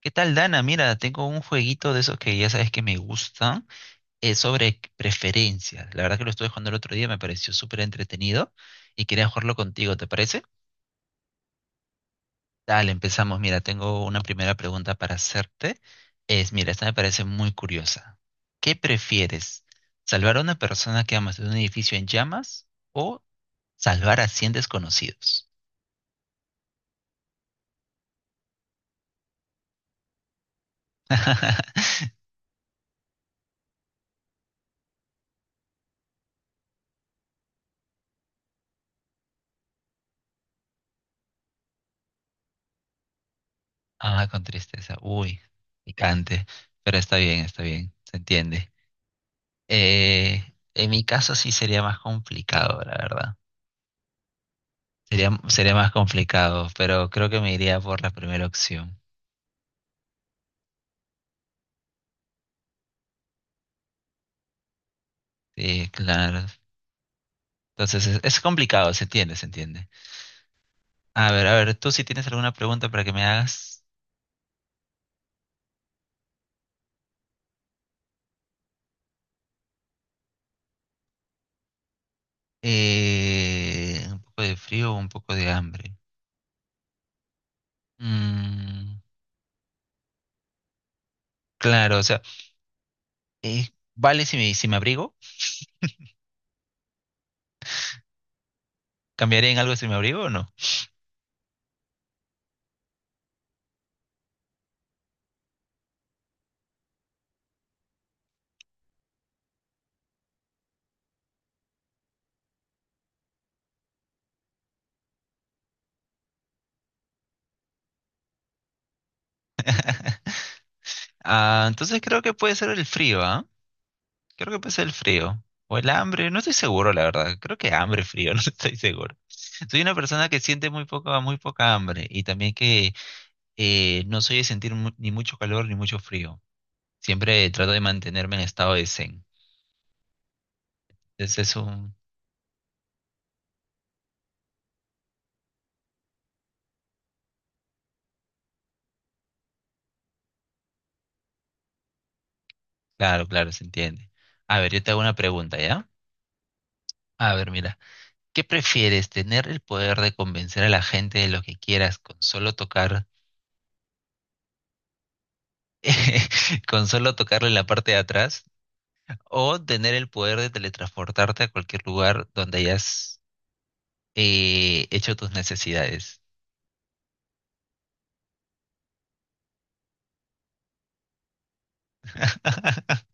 ¿Qué tal, Dana? Mira, tengo un jueguito de esos que ya sabes que me gustan, sobre preferencias. La verdad que lo estuve jugando el otro día, me pareció súper entretenido y quería jugarlo contigo, ¿te parece? Dale, empezamos. Mira, tengo una primera pregunta para hacerte. Mira, esta me parece muy curiosa. ¿Qué prefieres? ¿Salvar a una persona que amas de un edificio en llamas o salvar a 100 desconocidos? Ah, con tristeza. Uy, picante. Pero está bien, está bien. Se entiende. Eh, en mi caso sí sería más complicado, la verdad. Sería más complicado, pero creo que me iría por la primera opción. Sí, claro. Entonces es complicado, se entiende, se entiende. A ver, tú si tienes alguna pregunta para que me hagas. Un poco de frío o un poco de hambre. Mm, claro, o sea, eh, ¿vale si me abrigo? ¿Cambiaría en algo si me abrigo o no? Ah, entonces creo que puede ser el frío, ¿ah? Creo que pasa el frío o el hambre, no estoy seguro, la verdad. Creo que hambre, frío, no estoy seguro. Soy una persona que siente muy poca hambre y también que no soy de sentir ni mucho calor ni mucho frío. Siempre trato de mantenerme en estado de zen. Entonces es un. Claro, claro, se entiende. A ver, yo te hago una pregunta, ¿ya? A ver, mira, ¿qué prefieres, tener el poder de convencer a la gente de lo que quieras con solo tocar, con solo tocarle la parte de atrás? ¿O tener el poder de teletransportarte a cualquier lugar donde hayas hecho tus necesidades?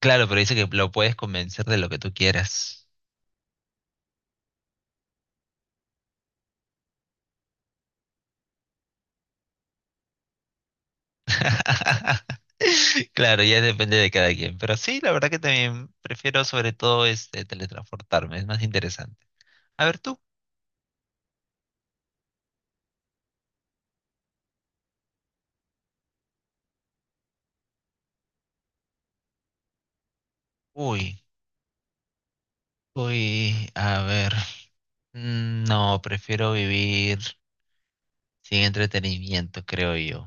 Claro, pero dice que lo puedes convencer de lo que tú quieras. Claro, ya depende de cada quien. Pero sí, la verdad que también prefiero sobre todo este teletransportarme, es más interesante. A ver tú. Uy, uy, a ver. Mm, no, prefiero vivir sin entretenimiento, creo yo.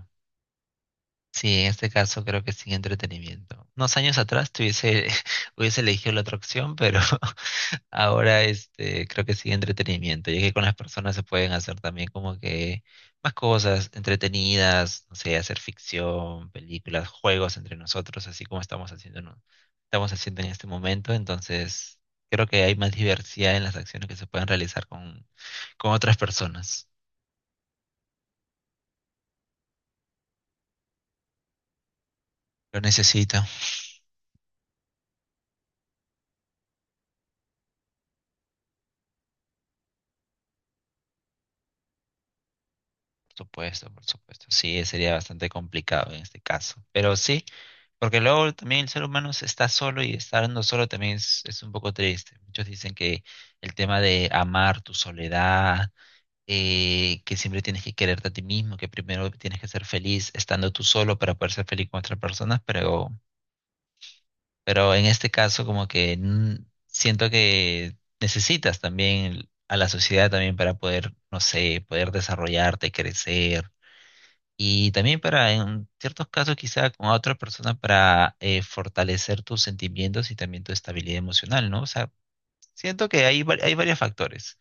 Sí, en este caso creo que sin entretenimiento. Unos años atrás tuviese, hubiese elegido la otra opción, pero ahora este, creo que sin entretenimiento, ya que con las personas se pueden hacer también como que más cosas entretenidas, no sé, hacer ficción, películas, juegos entre nosotros, así como estamos haciendo, ¿no? Estamos haciendo en este momento. Entonces, creo que hay más diversidad en las acciones que se pueden realizar con otras personas. Lo necesito. Por supuesto. Sí, sería bastante complicado en este caso. Pero sí, porque luego también el ser humano se está solo y estando solo también es un poco triste. Muchos dicen que el tema de amar tu soledad, que siempre tienes que quererte a ti mismo, que primero tienes que ser feliz estando tú solo para poder ser feliz con otras personas, pero, pero en este caso como que siento que necesitas también a la sociedad también para poder, no sé, poder desarrollarte, crecer y también para, en ciertos casos, quizá con otra persona para fortalecer tus sentimientos y también tu estabilidad emocional, ¿no? O sea, siento que hay, hay varios factores.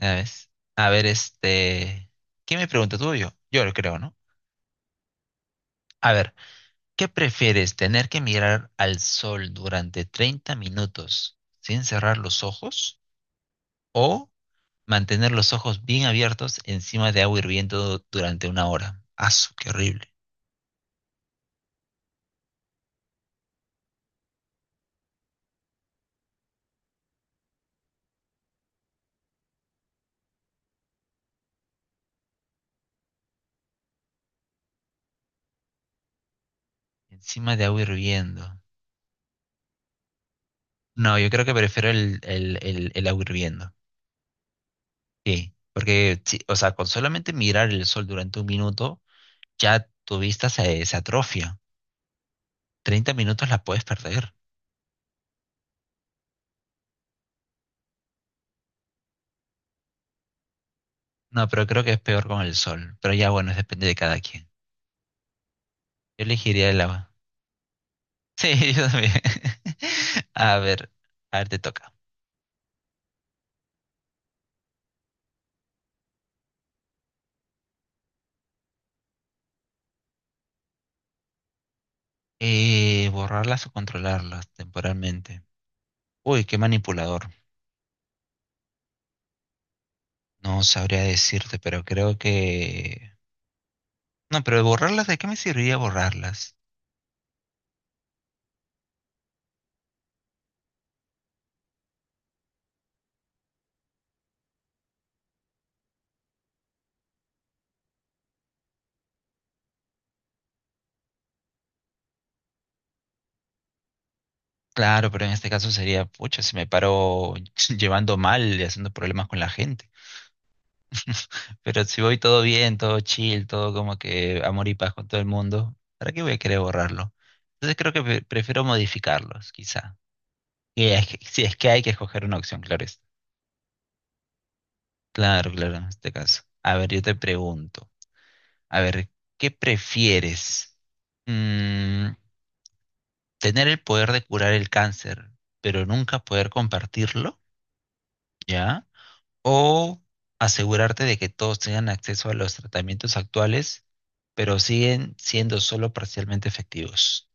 ¿Sabes? A ver, este, ¿qué me pregunta tú o yo? Yo lo creo, ¿no? A ver, ¿qué prefieres, tener que mirar al sol durante 30 minutos sin cerrar los ojos o mantener los ojos bien abiertos encima de agua hirviendo durante una hora? ¡Asu, qué horrible! Encima de agua hirviendo. No, yo creo que prefiero el agua hirviendo. Sí, porque, sí, o sea, con solamente mirar el sol durante un minuto, ya tu vista se atrofia. 30 minutos la puedes perder. No, pero creo que es peor con el sol. Pero ya, bueno, depende de cada quien. Yo elegiría el agua. Sí, yo también. A ver, a ver, te toca. Borrarlas o controlarlas temporalmente. Uy, qué manipulador. No sabría decirte, pero creo que. No, pero borrarlas, ¿de qué me serviría borrarlas? Claro, pero en este caso sería, pucha, si me paro llevando mal y haciendo problemas con la gente. Pero si voy todo bien, todo chill, todo como que amor y paz con todo el mundo, ¿para qué voy a querer borrarlo? Entonces creo que prefiero modificarlos, quizá. Si es que hay que escoger una opción, claro es. Claro, claro, en este caso. A ver, yo te pregunto. A ver, ¿qué prefieres? Mm, ¿tener el poder de curar el cáncer, pero nunca poder compartirlo? ¿Ya? ¿O asegurarte de que todos tengan acceso a los tratamientos actuales, pero siguen siendo solo parcialmente efectivos?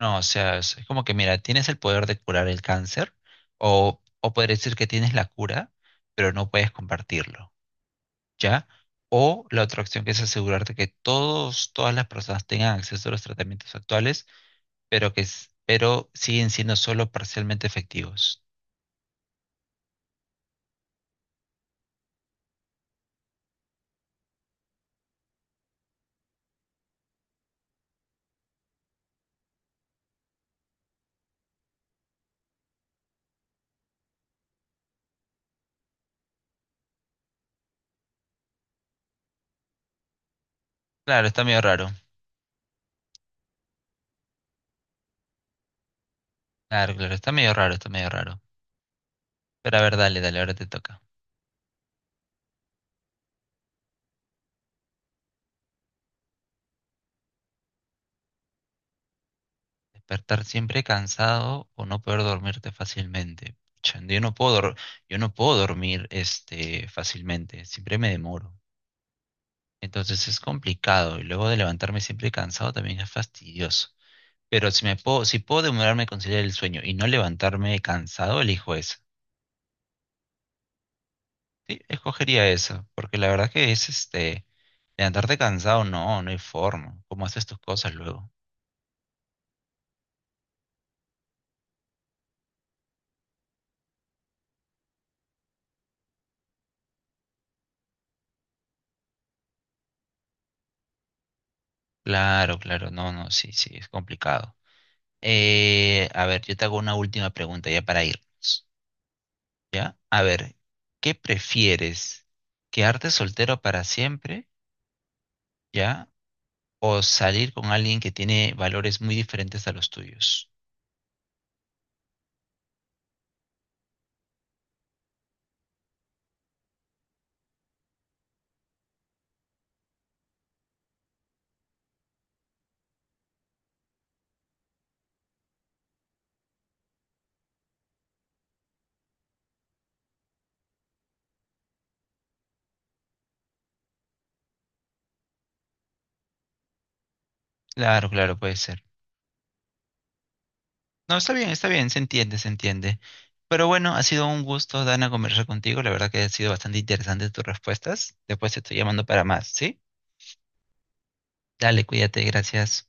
No, o sea, es como que mira, tienes el poder de curar el cáncer o poder decir que tienes la cura, pero no puedes compartirlo, ¿ya? O la otra opción que es asegurarte que todos, todas las personas tengan acceso a los tratamientos actuales, pero siguen siendo solo parcialmente efectivos. Claro, está medio raro. Claro, claro, está medio raro, está medio raro. Pero a ver, dale, dale, ahora te toca. Despertar siempre cansado o no poder dormirte fácilmente. Pucha, yo no puedo dormir este, fácilmente, siempre me demoro. Entonces es complicado y luego de levantarme siempre cansado también es fastidioso. Pero si puedo demorarme a conciliar el sueño y no levantarme cansado, elijo eso. Sí, escogería eso, porque la verdad que es este, levantarte cansado, no, no hay forma. ¿Cómo haces tus cosas luego? Claro, claro, no, no, sí, sí, es complicado. A ver, yo te hago una última pregunta ya para irnos. ¿Ya? A ver, ¿qué prefieres? ¿Quedarte soltero para siempre? ¿Ya? ¿O salir con alguien que tiene valores muy diferentes a los tuyos? Claro, claro, puede ser. No, está bien, se entiende, se entiende. Pero bueno, ha sido un gusto, Dana, conversar contigo. La verdad que ha sido bastante interesante tus respuestas. Después te estoy llamando para más, ¿sí? Dale, cuídate, gracias.